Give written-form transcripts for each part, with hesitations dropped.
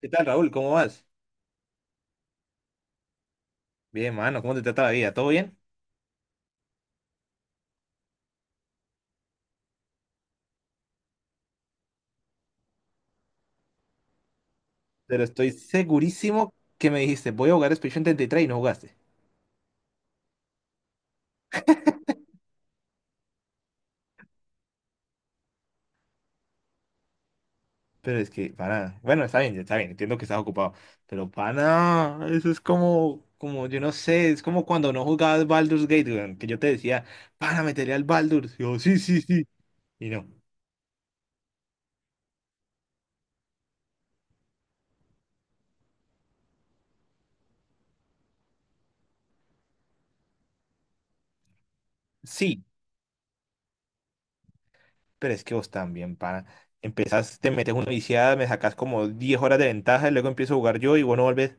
¿Qué tal, Raúl? ¿Cómo vas? Bien, mano, ¿cómo te trata la vida? ¿Todo bien? Pero estoy segurísimo que me dijiste, voy a jugar Expedition 33 y tres y no jugaste. Pero es que, para, bueno, está bien, entiendo que estás ocupado. Pero, pana, eso es como, yo no sé, es como cuando no jugabas Baldur's Gate, weón, que yo te decía, pana, meteré al Baldur's. Y yo, sí, sí, sí. Y no, sí, pero es que vos también, pana. Empezás, te metes una viciada, me sacás como 10 horas de ventaja y luego empiezo a jugar yo y vos no volvés.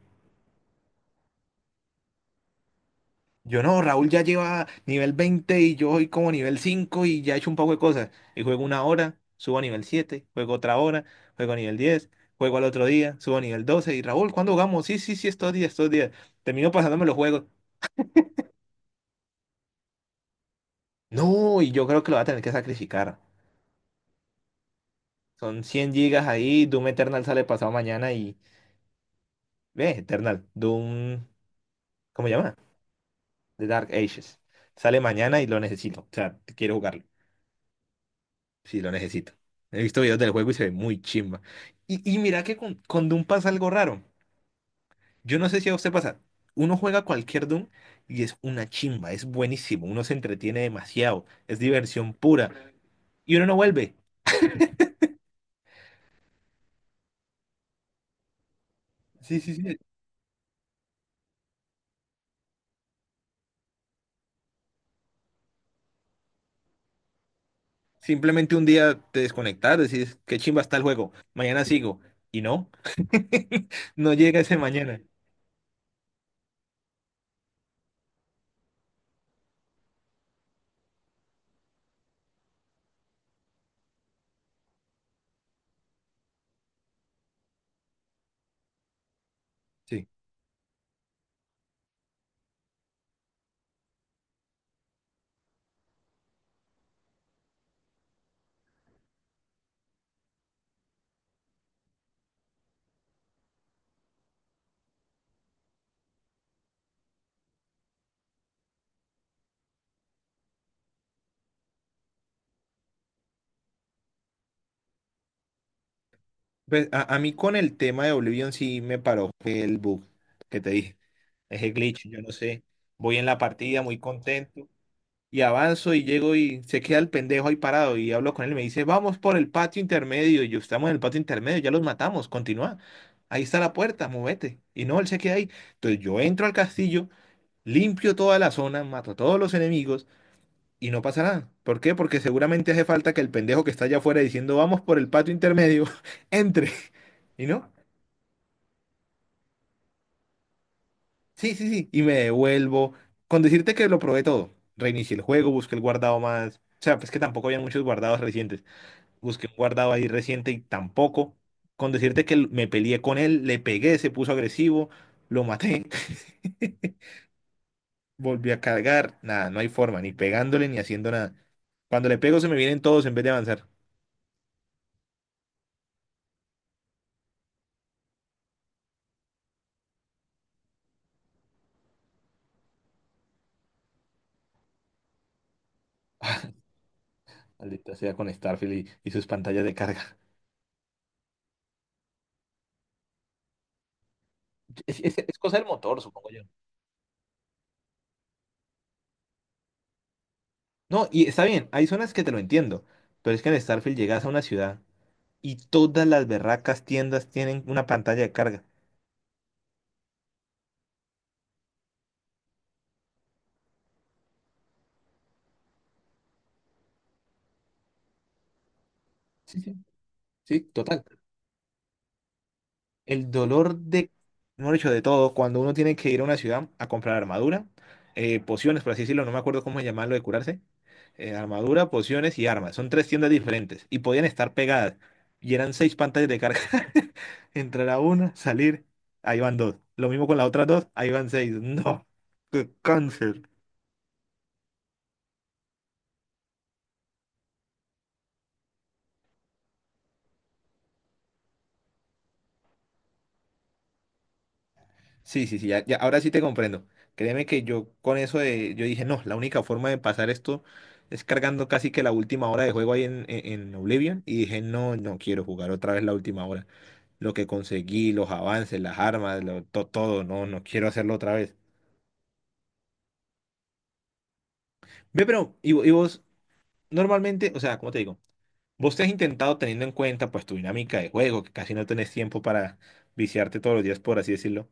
Yo no, Raúl ya lleva nivel 20 y yo voy como nivel 5 y ya he hecho un poco de cosas. Y juego una hora, subo a nivel 7, juego otra hora, juego a nivel 10, juego al otro día, subo a nivel 12. Y Raúl, ¿cuándo jugamos? Sí, sí, sí, estos días, estos días. Termino pasándome los juegos. No, y yo creo que lo va a tener que sacrificar. Son 100 gigas ahí, Doom Eternal sale pasado mañana y... Ve, Eternal, Doom... ¿Cómo se llama? The Dark Ages. Sale mañana y lo necesito. O sea, quiero jugarlo. Sí, lo necesito. He visto videos del juego y se ve muy chimba. Y mira que con Doom pasa algo raro. Yo no sé si a usted pasa. Uno juega cualquier Doom y es una chimba, es buenísimo. Uno se entretiene demasiado, es diversión pura. Y uno no vuelve. Sí, sí, sí. Simplemente un día te desconectas, decís, qué chimba está el juego, mañana sigo. Y no, no llega ese mañana. Sí. Pues a mí con el tema de Oblivion sí me paró el bug que te dije. Es el glitch, yo no sé. Voy en la partida muy contento y avanzo y llego y se queda el pendejo ahí parado y hablo con él y me dice, vamos por el patio intermedio. Y yo, estamos en el patio intermedio, ya los matamos, continúa. Ahí está la puerta, movete. Y no, él se queda ahí. Entonces yo entro al castillo, limpio toda la zona, mato a todos los enemigos y no pasa nada. ¿Por qué? Porque seguramente hace falta que el pendejo que está allá afuera diciendo, vamos por el patio intermedio, entre. ¿Y no? Sí, sí, sí. Y me devuelvo. Con decirte que lo probé todo. Reinicié el juego, busqué el guardado más. O sea, pues que tampoco había muchos guardados recientes. Busqué un guardado ahí reciente y tampoco. Con decirte que me peleé con él, le pegué, se puso agresivo, lo maté. Volví a cargar. Nada, no hay forma, ni pegándole ni haciendo nada. Cuando le pego se me vienen todos en vez de avanzar. Maldita sea con Starfield y sus pantallas de carga. Es cosa del motor, supongo yo. No, y está bien, hay zonas que te lo entiendo, pero es que en Starfield llegas a una ciudad y todas las berracas tiendas tienen una pantalla de carga. Sí, sí. Sí, total. El dolor de, no dicho, de todo, cuando uno tiene que ir a una ciudad a comprar armadura, pociones, por así decirlo, no me acuerdo cómo llamarlo de curarse, armadura, pociones y armas. Son tres tiendas diferentes y podían estar pegadas y eran seis pantallas de carga. Entrar a una, salir, ahí van dos. Lo mismo con las otras dos, ahí van seis. No, qué cáncer. Sí, sí, sí, ya, ya, ahora sí te comprendo. Créeme que yo con eso de, yo dije, no, la única forma de pasar esto es cargando casi que la última hora de juego ahí en Oblivion. Y dije, no, no quiero jugar otra vez la última hora. Lo que conseguí, los avances, las armas, todo, no, no quiero hacerlo otra vez. Ve, pero, y vos, normalmente, o sea, ¿cómo te digo? ¿Vos te has intentado teniendo en cuenta pues tu dinámica de juego, que casi no tenés tiempo para viciarte todos los días, por así decirlo?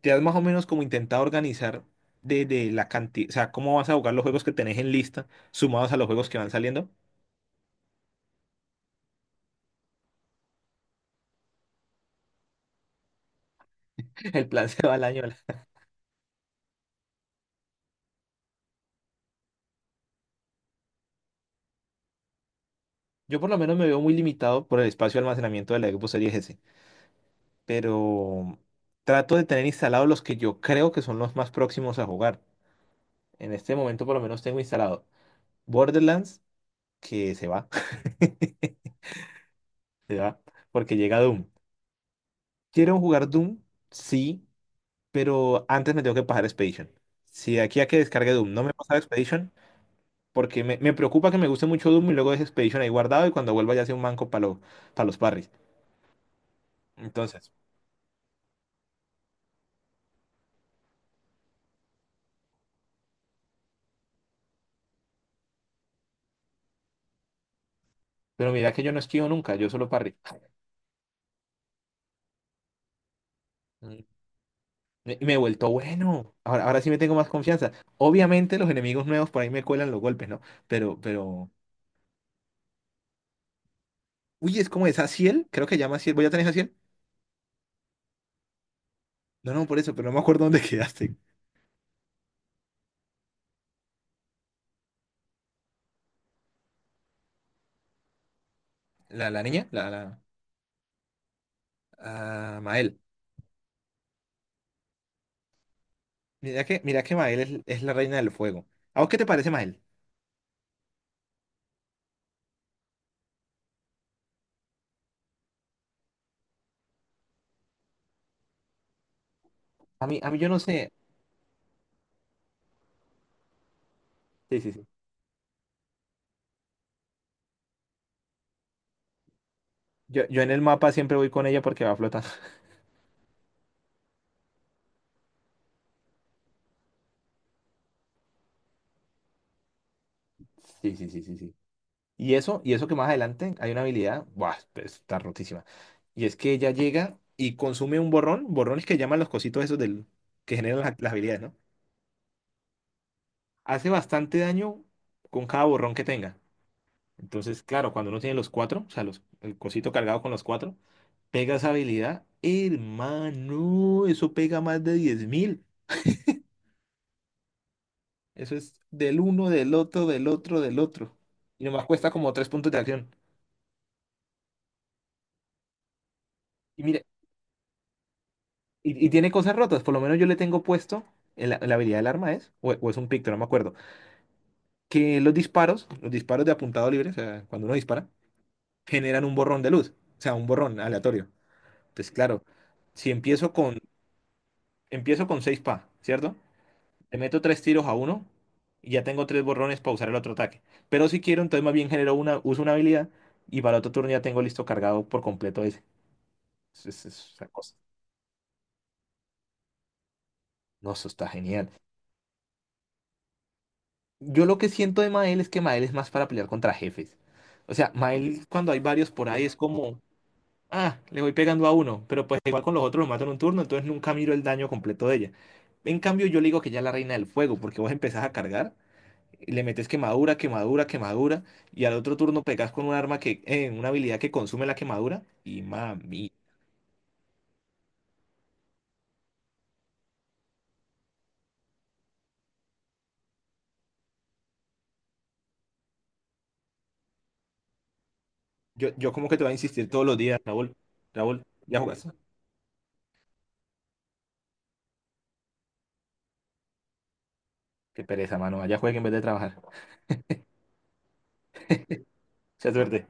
¿Te has más o menos como intentado organizar de la cantidad, o sea, cómo vas a jugar los juegos que tenés en lista, sumados a los juegos que van saliendo? El plan se va al año. Yo por lo menos me veo muy limitado por el espacio de almacenamiento de la Xbox Series S, pero trato de tener instalados los que yo creo que son los más próximos a jugar. En este momento por lo menos tengo instalado Borderlands, que se va, se va, porque llega Doom. Quiero jugar Doom, sí, pero antes me tengo que pasar Expedition. Si de aquí a que descargue Doom no me pasa Expedition, porque me preocupa que me guste mucho Doom y luego deje Expedition ahí guardado y cuando vuelva ya sea un manco para los parries. Entonces, pero mira que yo no esquivo nunca, yo solo parry. Mm, me he vuelto bueno. Ahora, ahora sí me tengo más confianza. Obviamente los enemigos nuevos por ahí me cuelan los golpes, ¿no? Pero... Uy, es como esa Ciel, creo que llama Ciel. ¿Voy a tener Ciel? No, no, por eso, pero no me acuerdo dónde quedaste. ¿La niña? La... ah, Mael. Mira que Mael es la reina del fuego. ¿A vos qué te parece Mael? A mí, yo no sé. Sí, sí, sí. Yo en el mapa siempre voy con ella porque va flotando. Sí, sí, sí, sí, sí. Y eso que más adelante hay una habilidad, ¡buah! Pues, está rotísima. Y es que ella llega y consume un borrón, borrones que llaman los cositos esos del, que generan las habilidades, ¿no? Hace bastante daño con cada borrón que tenga. Entonces, claro, cuando uno tiene los cuatro, o sea, el cosito cargado con los cuatro, pega esa habilidad, hermano, eso pega más de 10.000. Eso es del uno, del otro, del otro, del otro. Y nomás cuesta como tres puntos de acción. Y mire, y tiene cosas rotas, por lo menos yo le tengo puesto, en la habilidad del arma es, o es un picto, no me acuerdo, que los disparos de apuntado libre, o sea, cuando uno dispara, generan un borrón de luz, o sea, un borrón aleatorio. Entonces, claro, si empiezo con 6 pa, ¿cierto? Le meto tres tiros a uno y ya tengo tres borrones para usar el otro ataque. Pero si quiero, entonces más bien uso una habilidad y para el otro turno ya tengo listo cargado por completo ese. Es una cosa. No, eso está genial. Yo lo que siento de Mael es que Mael es más para pelear contra jefes. O sea, Mael cuando hay varios por ahí es como, ah, le voy pegando a uno, pero pues igual con los otros los mato en un turno, entonces nunca miro el daño completo de ella. En cambio, yo le digo que ya es la reina del fuego, porque vos empezás a cargar. Le metes quemadura, quemadura, quemadura, y al otro turno pegas con un arma que, una habilidad que consume la quemadura, y mami, yo como que te voy a insistir todos los días, Raúl, Raúl, ya jugaste. Qué pereza, mano, allá juegue en vez de trabajar. Se suerte.